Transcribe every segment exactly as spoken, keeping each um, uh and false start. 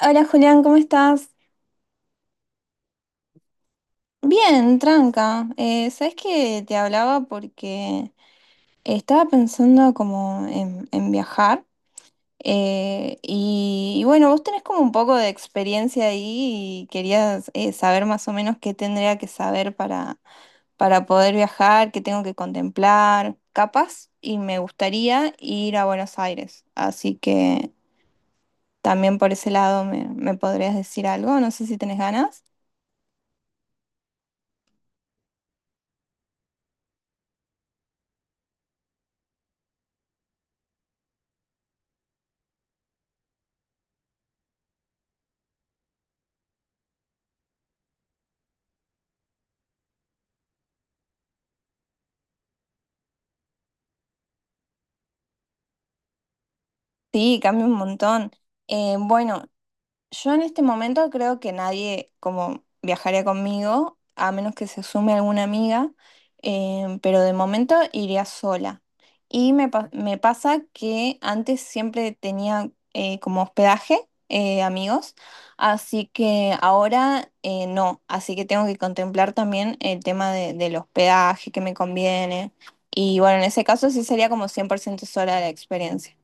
Hola Julián, ¿cómo estás? Bien, tranca. Eh, ¿sabes que te hablaba porque estaba pensando como en, en viajar? eh, y, y bueno, vos tenés como un poco de experiencia ahí y querías eh, saber más o menos qué tendría que saber para, para poder viajar, qué tengo que contemplar, capaz, y me gustaría ir a Buenos Aires. Así que también por ese lado me, me podrías decir algo, no sé si tenés ganas. Sí, cambia un montón. Eh, bueno, yo en este momento creo que nadie como viajaría conmigo, a menos que se sume alguna amiga, eh, pero de momento iría sola. Y me, pa- me pasa que antes siempre tenía eh, como hospedaje eh, amigos, así que ahora eh, no, así que tengo que contemplar también el tema de- del hospedaje que me conviene. Y bueno, en ese caso sí sería como cien por ciento sola la experiencia.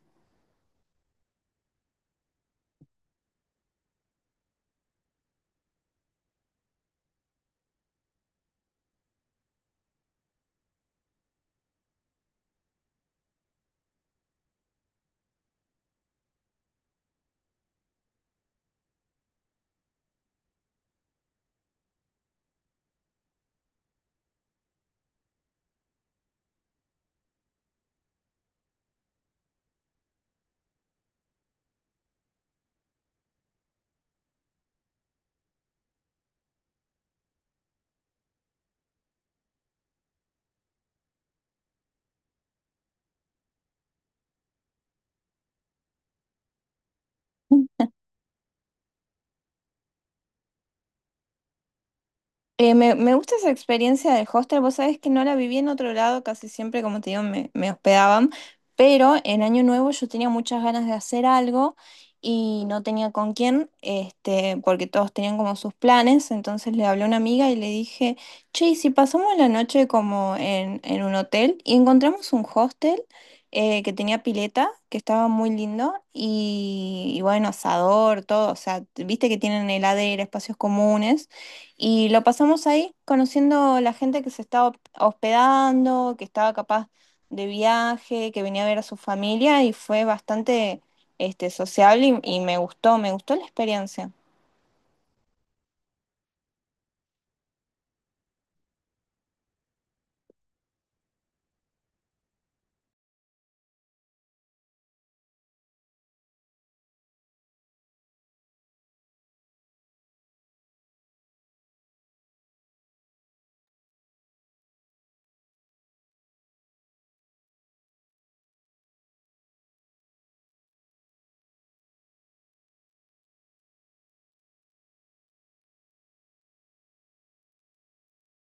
Eh, me, me gusta esa experiencia del hostel. Vos sabés que no la viví en otro lado, casi siempre, como te digo, me, me hospedaban. Pero en Año Nuevo yo tenía muchas ganas de hacer algo y no tenía con quién, este, porque todos tenían como sus planes. Entonces le hablé a una amiga y le dije, che, ¿y si pasamos la noche como en, en un hotel y encontramos un hostel eh, que tenía pileta, que estaba muy lindo y, y bueno, asador, todo. O sea, viste que tienen heladera, espacios comunes. Y lo pasamos ahí, conociendo la gente que se estaba hospedando, que estaba capaz de viaje, que venía a ver a su familia y fue bastante este, sociable y, y me gustó, me gustó la experiencia.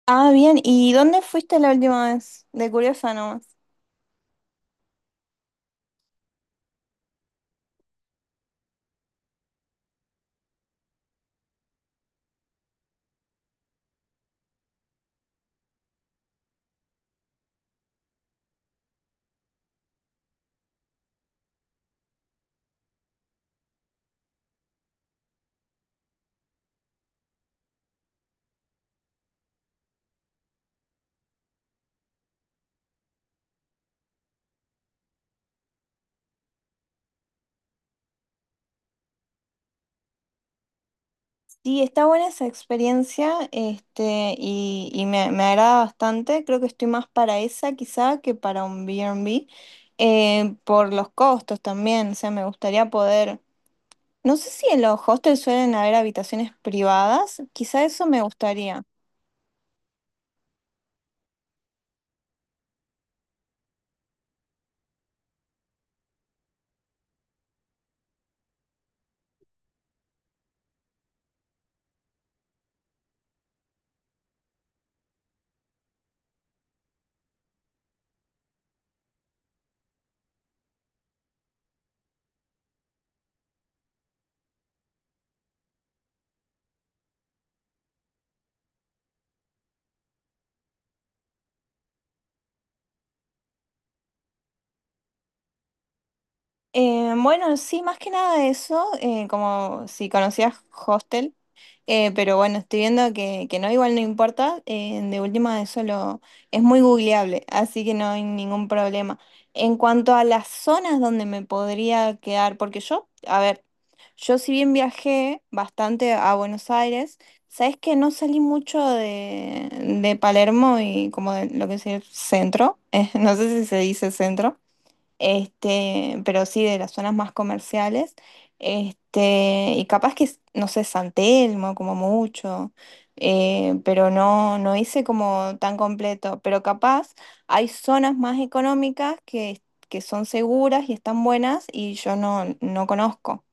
Ah, bien, ¿y dónde fuiste la última vez? De curiosa nomás. Sí, está buena esa experiencia, este, y, y me, me agrada bastante. Creo que estoy más para esa quizá que para un B and B, eh, por los costos también. O sea, me gustaría poder. No sé si en los hostels suelen haber habitaciones privadas, quizá eso me gustaría. Eh, bueno, sí, más que nada eso, eh, como si conocías hostel. Eh, pero bueno, estoy viendo que, que no, igual no importa. Eh, de última, eso lo, es muy googleable, así que no hay ningún problema. En cuanto a las zonas donde me podría quedar, porque yo, a ver, yo si bien viajé bastante a Buenos Aires, sabes que no salí mucho de, de Palermo y como de lo que es el centro, eh, no sé si se dice centro este, pero sí de las zonas más comerciales, este, y capaz que, no sé, San Telmo como mucho, eh, pero no, no hice como tan completo, pero capaz hay zonas más económicas que, que son seguras y están buenas y yo no, no conozco.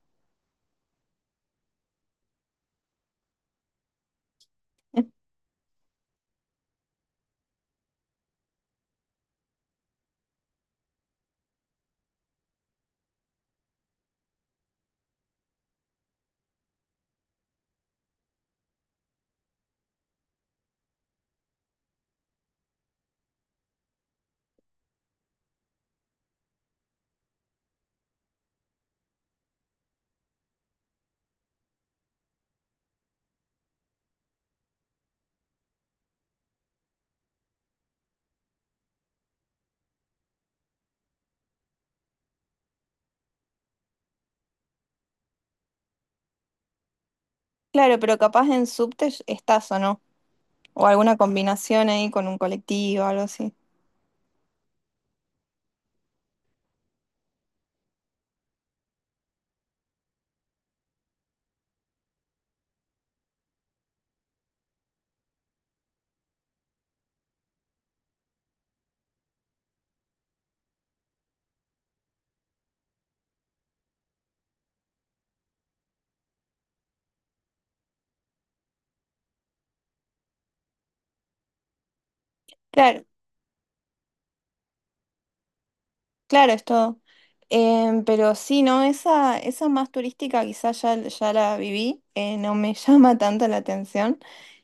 Claro, pero capaz en subte estás o no, o alguna combinación ahí con un colectivo algo así. Claro. Claro, es todo. Em, pero sí, no, esa, esa más turística quizás ya, ya la viví, eh, no me llama tanto la atención.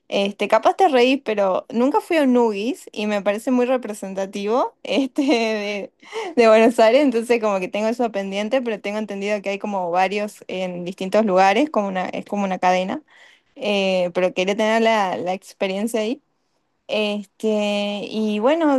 Este, capaz te reís, pero nunca fui a un Nugis y me parece muy representativo este, de, de Buenos Aires, entonces como que tengo eso pendiente, pero tengo entendido que hay como varios en distintos lugares, como una, es como una cadena, eh, pero quería tener la, la experiencia ahí. Este, y bueno.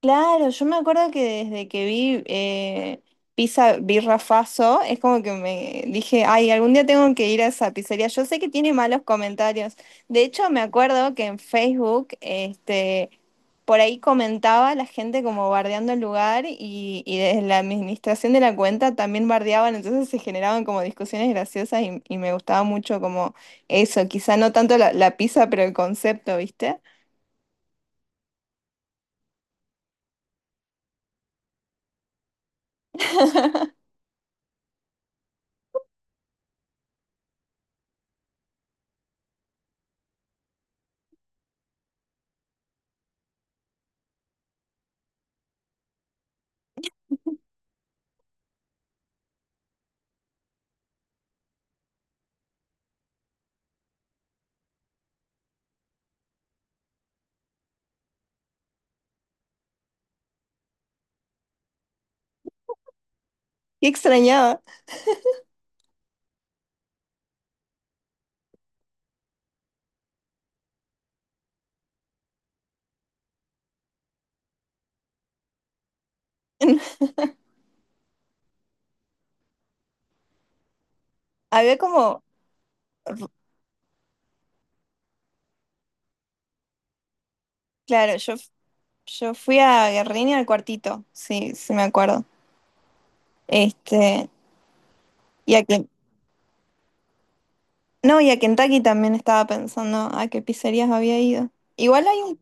Claro, yo me acuerdo que desde que vi eh, Pizza Birra Faso, es como que me dije, ay, algún día tengo que ir a esa pizzería. Yo sé que tiene malos comentarios. De hecho, me acuerdo que en Facebook, este, por ahí comentaba la gente como bardeando el lugar y, y desde la administración de la cuenta también bardeaban, entonces se generaban como discusiones graciosas y, y me gustaba mucho como eso, quizá no tanto la, la pizza, pero el concepto, ¿viste? Qué extrañaba. Había como, claro, yo, yo fui a Guerrini al cuartito, sí, sí me acuerdo. Este, y a Ken- no, y a Kentucky también estaba pensando a qué pizzerías había ido. Igual hay un,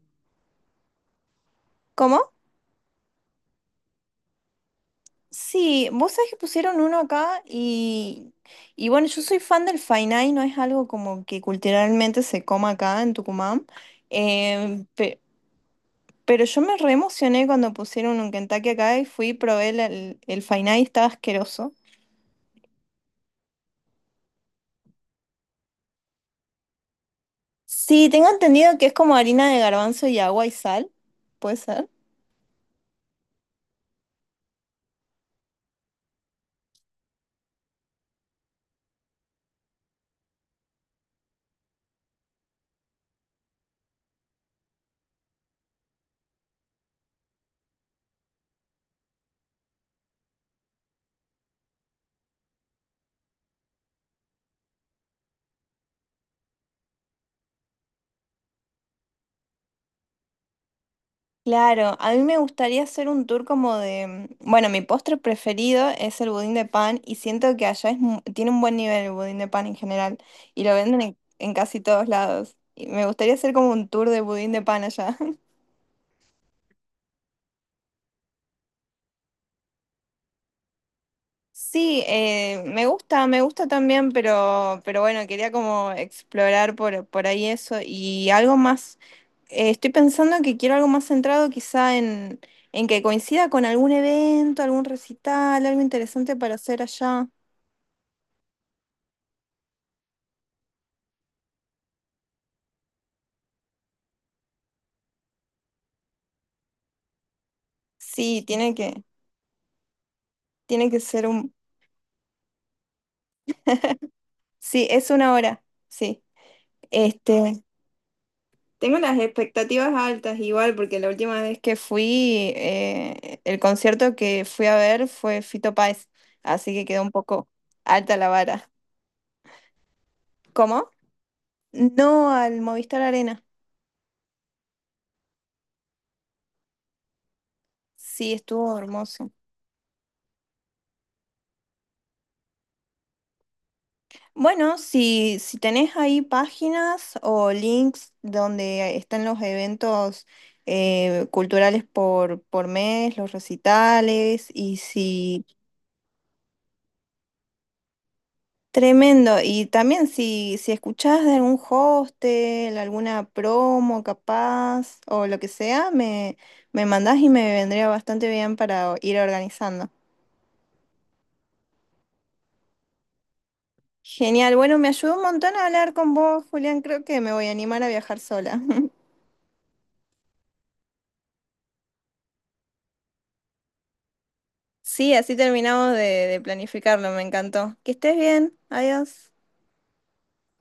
¿cómo? Sí, vos sabés que pusieron uno acá y, y bueno, yo soy fan del Fainá. No es algo como que culturalmente se coma acá en Tucumán, eh, pe- pero yo me re emocioné cuando pusieron un Kentucky acá y fui y probé el, el, el Fainá y estaba asqueroso. Sí, tengo entendido que es como harina de garbanzo y agua y sal, ¿puede ser? Claro, a mí me gustaría hacer un tour como de, bueno, mi postre preferido es el budín de pan y siento que allá es, mu- tiene un buen nivel el budín de pan en general y lo venden en, en casi todos lados. Y me gustaría hacer como un tour de budín de pan allá. Sí, eh, me gusta, me gusta también, pero, pero bueno, quería como explorar por, por ahí eso y algo más, eh, estoy pensando que quiero algo más centrado quizá en, en que coincida con algún evento, algún recital, algo interesante para hacer allá. Sí, tiene que, tiene que ser un... Sí, es una hora, sí. Este, tengo las expectativas altas igual, porque la última vez que fui, eh, el concierto que fui a ver fue Fito Páez, así que quedó un poco alta la vara. ¿Cómo? No, al Movistar Arena. Sí, estuvo hermoso. Bueno, si, si tenés ahí páginas o links donde están los eventos eh, culturales por, por mes, los recitales, y si... Tremendo. Y también si, si escuchás de algún hostel, alguna promo capaz o lo que sea, me, me mandás y me vendría bastante bien para ir organizando. Genial. Bueno, me ayudó un montón a hablar con vos, Julián. Creo que me voy a animar a viajar sola. Sí, así terminamos de, de planificarlo, me encantó. Que estés bien, adiós.